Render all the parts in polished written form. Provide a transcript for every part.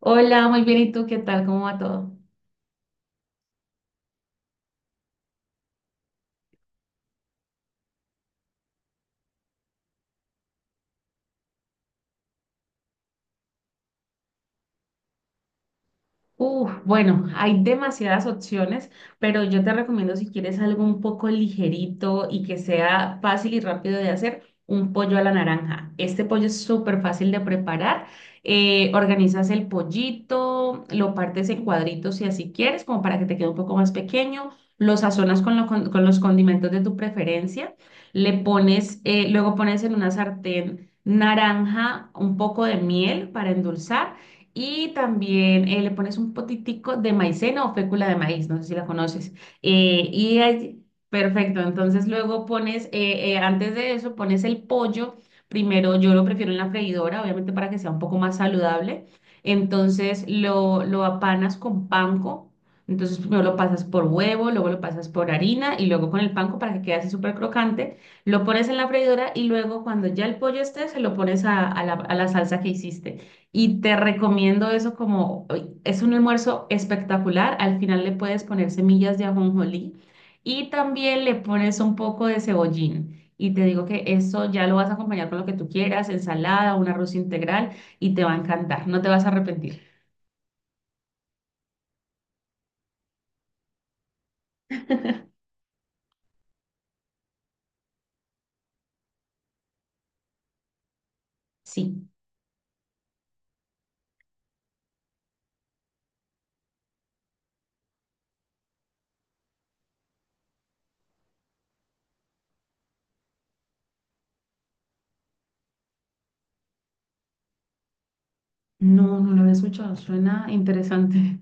Hola, muy bien. ¿Y tú qué tal? ¿Cómo va todo? Uf, bueno, hay demasiadas opciones, pero yo te recomiendo si quieres algo un poco ligerito y que sea fácil y rápido de hacer, un pollo a la naranja. Este pollo es súper fácil de preparar. Organizas el pollito, lo partes en cuadritos si así quieres, como para que te quede un poco más pequeño. Lo sazonas con los condimentos de tu preferencia. Luego pones en una sartén naranja, un poco de miel para endulzar y también le pones un potitico de maicena o fécula de maíz, no sé si la conoces. Eh, y ahí- perfecto, entonces antes de eso, pones el pollo. Primero, yo lo prefiero en la freidora, obviamente para que sea un poco más saludable. Entonces lo apanas con panko. Entonces primero lo pasas por huevo, luego lo pasas por harina y luego con el panko para que quede así súper crocante. Lo pones en la freidora y luego cuando ya el pollo esté, se lo pones a la salsa que hiciste. Y te recomiendo eso como uy, es un almuerzo espectacular. Al final le puedes poner semillas de ajonjolí y también le pones un poco de cebollín. Y te digo que eso ya lo vas a acompañar con lo que tú quieras, ensalada, un arroz integral y te va a encantar. No te vas a arrepentir. Sí. No, no lo había escuchado. Suena interesante.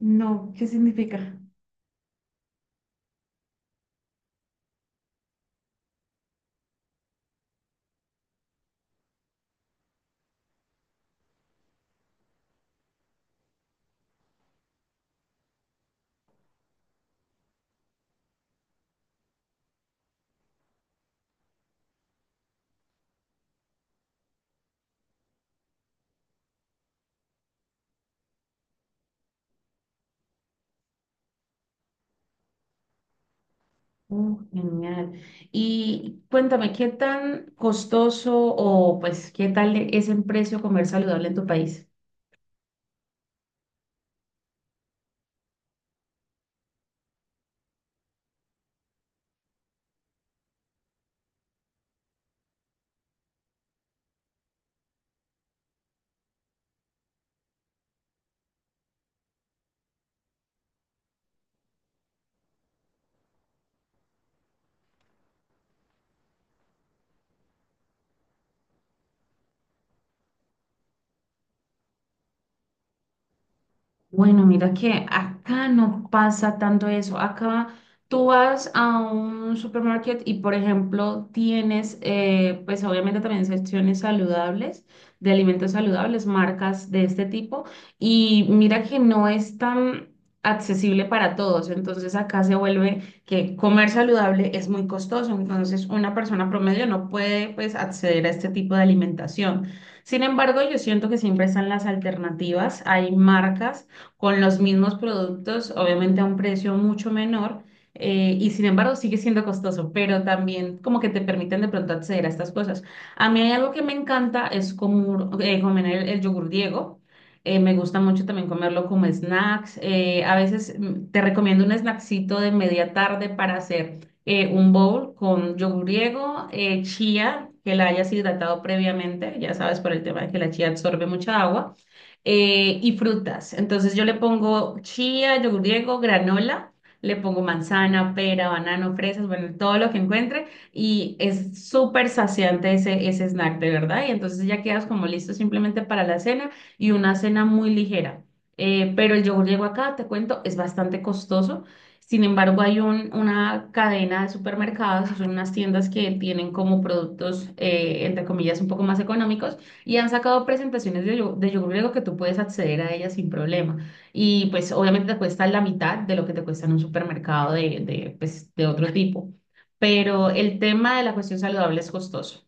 No, ¿qué significa? Oh, genial. Y cuéntame, ¿qué tan costoso o pues qué tal es en precio comer saludable en tu país? Bueno, mira que acá no pasa tanto eso. Acá tú vas a un supermercado y, por ejemplo, tienes, pues obviamente también secciones saludables, de alimentos saludables, marcas de este tipo. Y mira que no es tan accesible para todos. Entonces acá se vuelve que comer saludable es muy costoso. Entonces una persona promedio no puede, pues, acceder a este tipo de alimentación. Sin embargo, yo siento que siempre están las alternativas. Hay marcas con los mismos productos, obviamente a un precio mucho menor, y sin embargo sigue siendo costoso, pero también como que te permiten de pronto acceder a estas cosas. A mí hay algo que me encanta, es como, comer el yogur Diego. Me gusta mucho también comerlo como snacks. A veces te recomiendo un snacksito de media tarde para hacer un bowl con yogur griego, chía, que la hayas hidratado previamente, ya sabes por el tema de que la chía absorbe mucha agua y frutas. Entonces yo le pongo chía, yogur griego, granola, le pongo manzana, pera, banano, fresas, bueno, todo lo que encuentre y es súper saciante ese snack, de verdad. Y entonces ya quedas como listo simplemente para la cena y una cena muy ligera. Pero el yogur griego acá, te cuento, es bastante costoso. Sin embargo, hay una cadena de supermercados, son unas tiendas que tienen como productos, entre comillas, un poco más económicos y han sacado presentaciones de yogur griego que tú puedes acceder a ellas sin problema. Y pues obviamente te cuesta la mitad de lo que te cuesta en un supermercado pues, de otro tipo. Pero el tema de la cuestión saludable es costoso.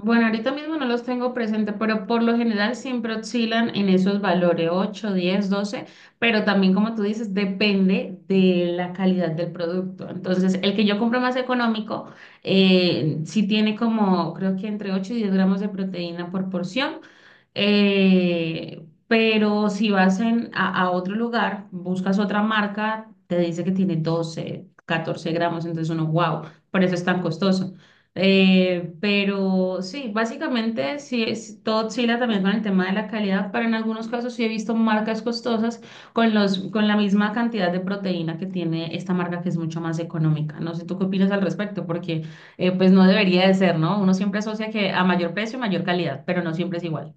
Bueno, ahorita mismo no los tengo presente, pero por lo general siempre oscilan en esos valores, 8, 10, 12, pero también como tú dices, depende de la calidad del producto. Entonces, el que yo compro más económico, sí tiene como, creo que entre 8 y 10 gramos de proteína por porción, pero si vas a otro lugar, buscas otra marca, te dice que tiene 12, 14 gramos, entonces uno, wow, por eso es tan costoso. Pero sí, básicamente sí, es, todo oscila también con el tema de la calidad, pero en algunos casos sí he visto marcas costosas con la misma cantidad de proteína que tiene esta marca que es mucho más económica. No sé, ¿tú qué opinas al respecto? Porque pues no debería de ser, ¿no? Uno siempre asocia que a mayor precio, mayor calidad, pero no siempre es igual.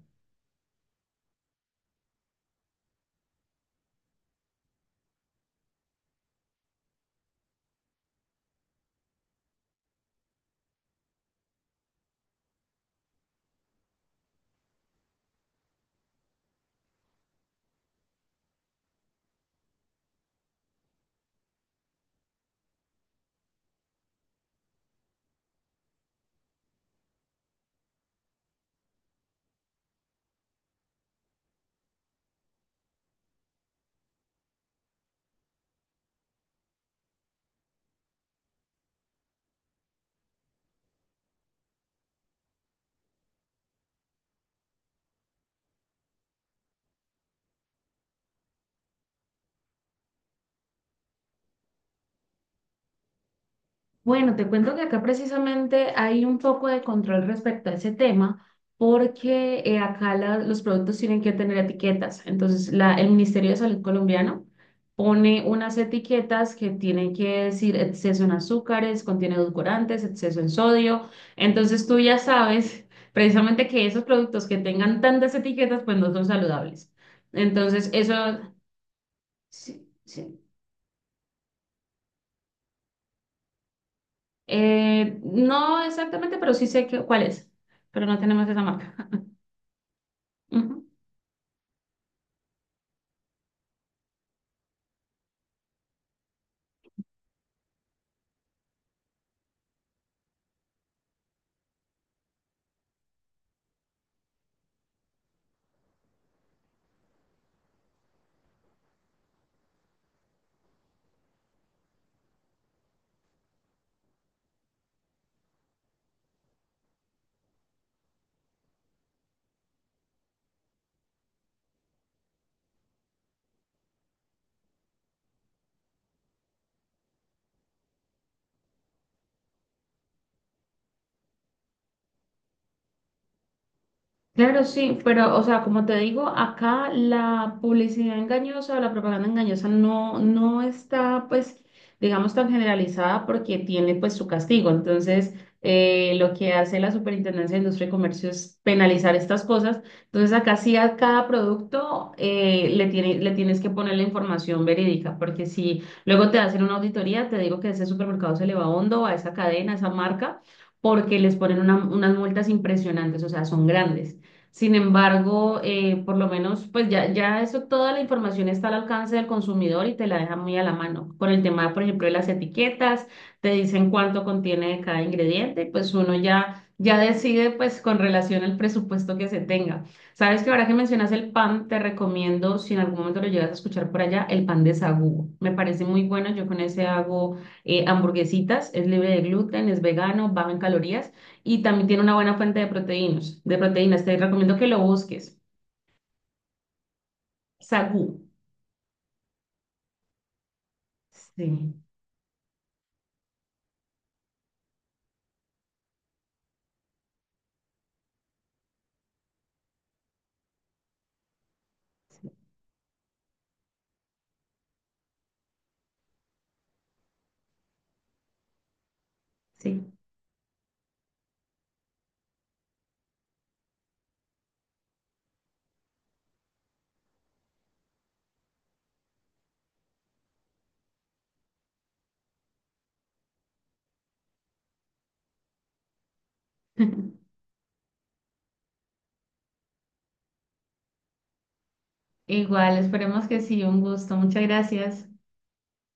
Bueno, te cuento que acá precisamente hay un poco de control respecto a ese tema, porque acá los productos tienen que tener etiquetas. Entonces, el Ministerio de Salud colombiano pone unas etiquetas que tienen que decir exceso en azúcares, contiene edulcorantes, exceso en sodio. Entonces, tú ya sabes precisamente que esos productos que tengan tantas etiquetas, pues no son saludables. Entonces, eso. Sí, sí. No exactamente, pero sí sé que, cuál es, pero no tenemos esa marca. Ujú. Claro, sí, pero, o sea, como te digo, acá la publicidad engañosa o la propaganda engañosa no, no está, pues, digamos, tan generalizada porque tiene, pues, su castigo. Entonces, lo que hace la Superintendencia de Industria y Comercio es penalizar estas cosas. Entonces, acá sí a cada producto le tienes que poner la información verídica, porque si luego te hacen una auditoría, te digo que ese supermercado se le va hondo a esa cadena, a esa marca, porque les ponen unas multas impresionantes, o sea, son grandes. Sin embargo, por lo menos, pues ya, ya eso, toda la información está al alcance del consumidor y te la deja muy a la mano. Por el tema, por ejemplo, de las etiquetas, te dicen cuánto contiene de cada ingrediente, pues uno ya decide pues con relación al presupuesto que se tenga. Sabes que ahora que mencionas el pan, te recomiendo, si en algún momento lo llegas a escuchar por allá, el pan de sagú. Me parece muy bueno, yo con ese hago hamburguesitas, es libre de gluten, es vegano, bajo en calorías y también tiene una buena fuente de proteínas, de proteínas. Te recomiendo que lo busques. Sagú. Sí, sí, sí. Igual, esperemos que sí, un gusto. Muchas gracias.